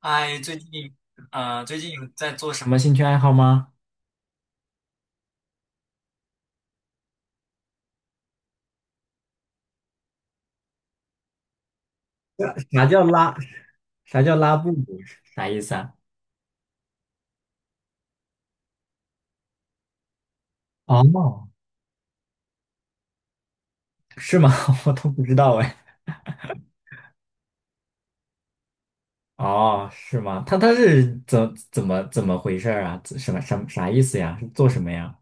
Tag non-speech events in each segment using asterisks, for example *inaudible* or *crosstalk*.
哎，最近有在做什么兴趣爱好吗？啥叫拉？啥叫拉布布？啥意思啊？哦，是吗？*laughs* 我都不知道哎。哦，是吗？他是怎么回事儿啊？怎什么什么啥意思呀？是做什么呀？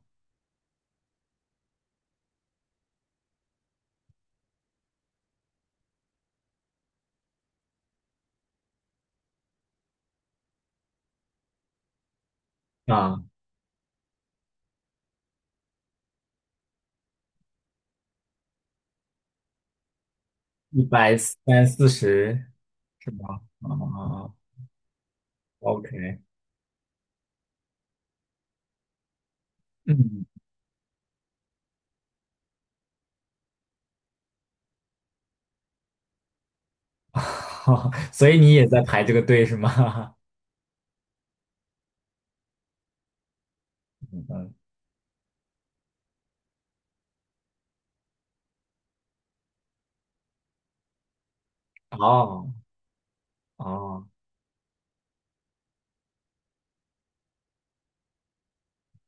啊，一百三四十是吗？啊啊啊，OK，嗯，*laughs* 所以你也在排这个队是吗？*laughs* 嗯，哦哦，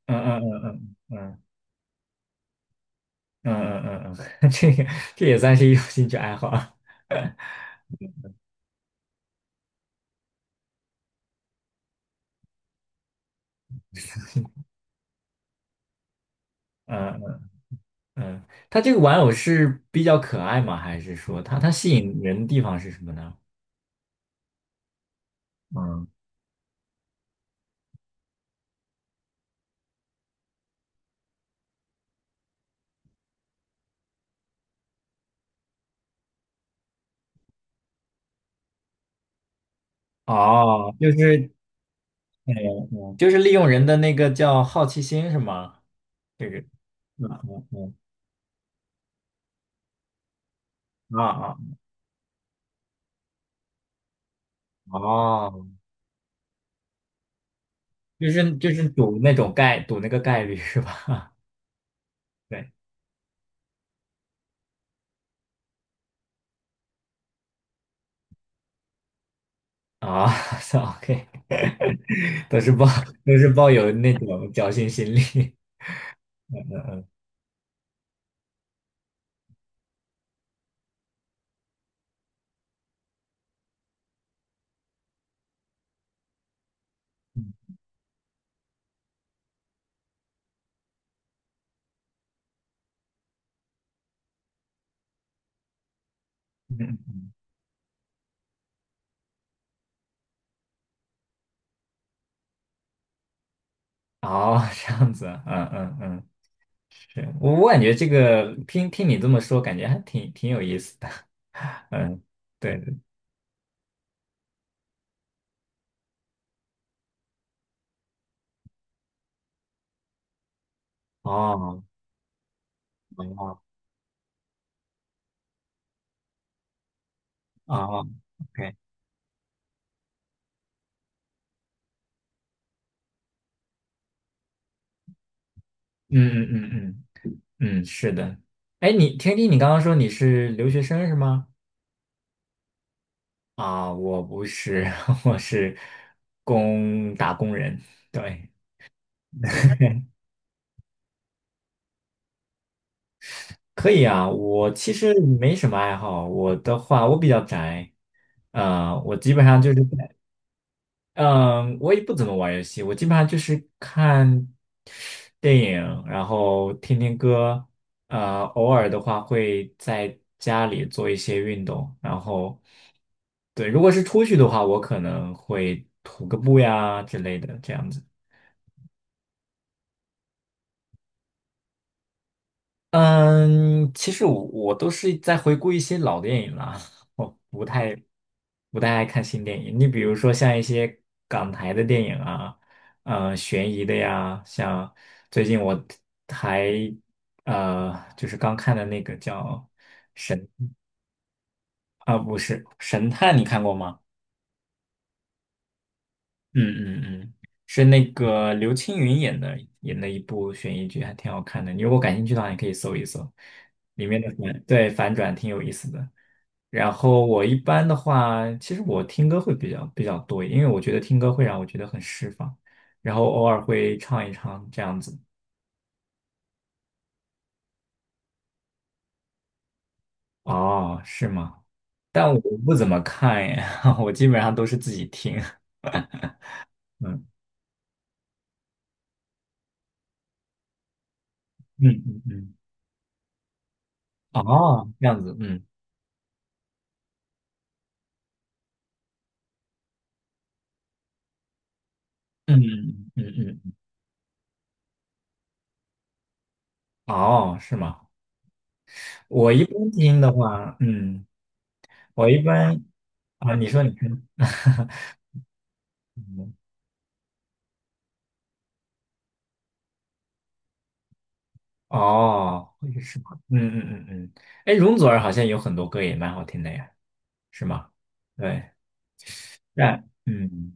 嗯嗯嗯嗯嗯。嗯嗯嗯嗯，*laughs* 这也算是一种兴趣爱好啊。*laughs* 嗯嗯嗯，它这个玩偶是比较可爱吗？还是说它吸引人的地方是什么呢？嗯，哦，嗯就是利用人的那个叫好奇心是吗？这个，嗯嗯嗯，啊啊哦，就是赌那个概率是吧？*laughs* 对啊 *laughs* 算，OK，*laughs* 都是抱都是抱有那种侥幸心理。*laughs* 嗯嗯嗯哦，这样子啊嗯嗯嗯，是我感觉这个听听你这么说，感觉还挺有意思的，嗯，对，哦，哦，哦，OK，嗯嗯嗯嗯嗯，是的，哎，你天地，你刚刚说你是留学生是吗？啊，我不是，*laughs* 我是打工人，对，可以啊，我其实没什么爱好，我的话我比较宅，我基本上就是。嗯，我也不怎么玩游戏，我基本上就是看电影，然后听听歌，偶尔的话会在家里做一些运动，然后，对，如果是出去的话，我可能会徒个步呀之类的，这样子。嗯，其实我都是在回顾一些老电影啦，*laughs* 不太爱看新电影。你比如说像一些港台的电影啊，悬疑的呀，像最近我还就是刚看的那个叫啊，不是神探，你看过吗？嗯嗯嗯，是那个刘青云演的一部悬疑剧，还挺好看的。你如果感兴趣的话，你可以搜一搜，里面的反转挺有意思的。然后我一般的话，其实我听歌会比较多一点因为我觉得听歌会让我觉得很释放，然后偶尔会唱一唱这样子。哦，是吗？但我不怎么看耶，*laughs* 我基本上都是自己听。嗯嗯嗯嗯。哦，这样子，嗯嗯嗯嗯嗯。嗯哦，是吗？我一般听的话，我一般啊，你说你听。*laughs* 哦，哦也是吗？嗯嗯嗯嗯，哎，容祖儿好像有很多歌也蛮好听的呀，是吗？对，但嗯，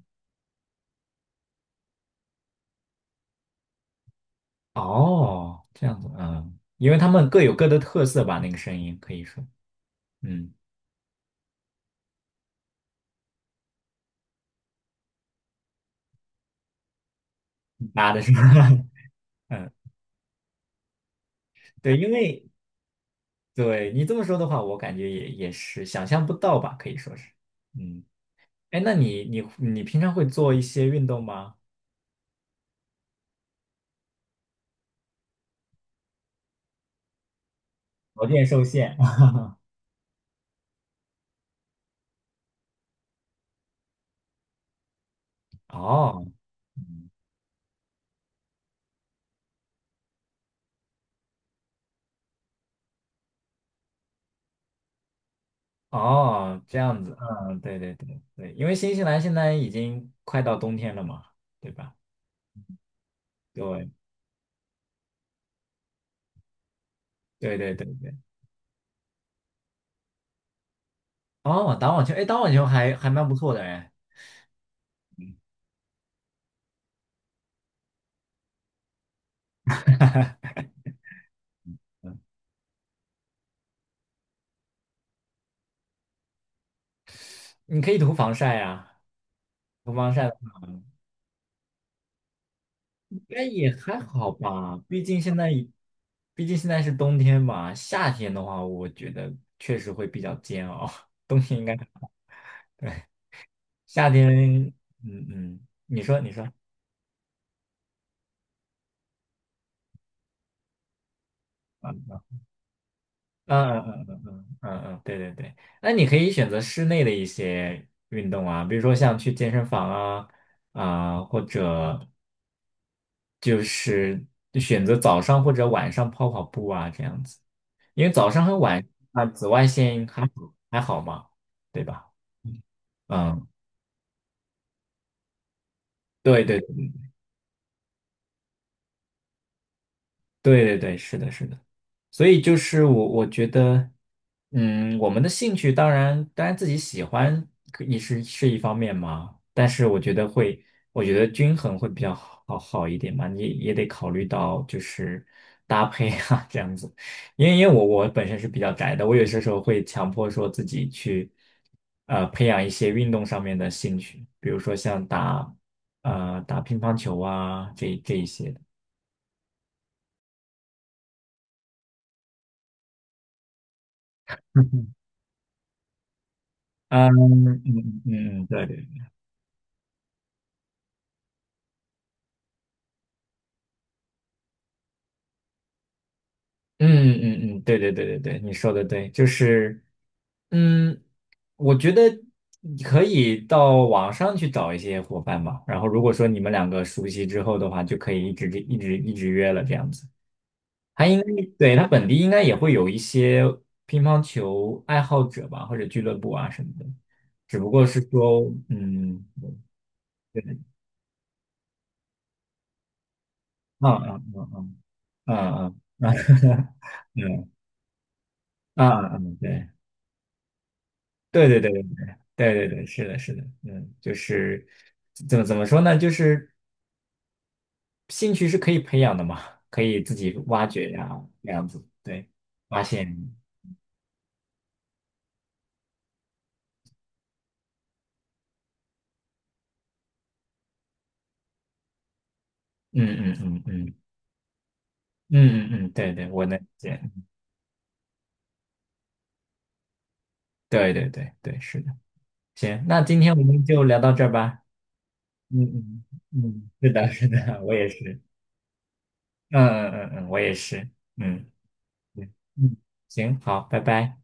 哦，这样子，嗯，因为他们各有各的特色吧，那个声音可以说，嗯，拉的是吧，*laughs* 嗯，对，因为对你这么说的话，我感觉也是想象不到吧，可以说是，嗯，哎，那你平常会做一些运动吗？条件受限，*laughs* 哦。嗯哦，这样子，嗯，对对对对，因为新西兰现在已经快到冬天了嘛，对吧？对对对对对。哦，打网球，哎，打网球还蛮不错的哎，嗯嗯，你可以涂防晒呀，涂防晒的话应该也还好吧，毕竟现在是冬天嘛，夏天的话，我觉得确实会比较煎熬，*laughs* 冬天应该，夏天，嗯嗯，你说你说。嗯嗯嗯嗯嗯嗯嗯，对对对，那你可以选择室内的一些运动啊，比如说像去健身房啊啊，或者就是就选择早上或者晚上跑跑步啊这样子，因为早上和啊紫外线还好嘛，对吧？嗯，对对对对对，是的，是的。所以就是我觉得，嗯，我们的兴趣当然自己喜欢可也是一方面嘛，但是我觉得会，我觉得均衡会比较好一点嘛，你也得考虑到就是搭配啊 *laughs* 这样子，因为我本身是比较宅的，我有些时候会强迫说自己去培养一些运动上面的兴趣，比如说像打乒乓球啊这一些的。*laughs* 嗯嗯嗯嗯嗯，对对嗯嗯嗯，对对对对对，你说的对，就是，嗯，我觉得你可以到网上去找一些伙伴嘛，然后如果说你们两个熟悉之后的话，就可以一直一直一直约了这样子。他应该，对，他本地应该也会有一些乒乓球爱好者吧，或者俱乐部啊什么的，只不过是说，嗯，对，嗯嗯嗯嗯嗯嗯嗯嗯，嗯对。对对对对对对对对，是的，是的，嗯，就是怎么说呢？就是兴趣是可以培养的嘛，可以自己挖掘呀、这样子，对，发现，嗯嗯嗯嗯嗯嗯嗯，对对，我能理解，对对对对，是的，行，那今天我们就聊到这儿吧，嗯嗯嗯，是的，是的，我也是，嗯嗯嗯嗯，我也是，嗯嗯嗯，行，好，拜拜。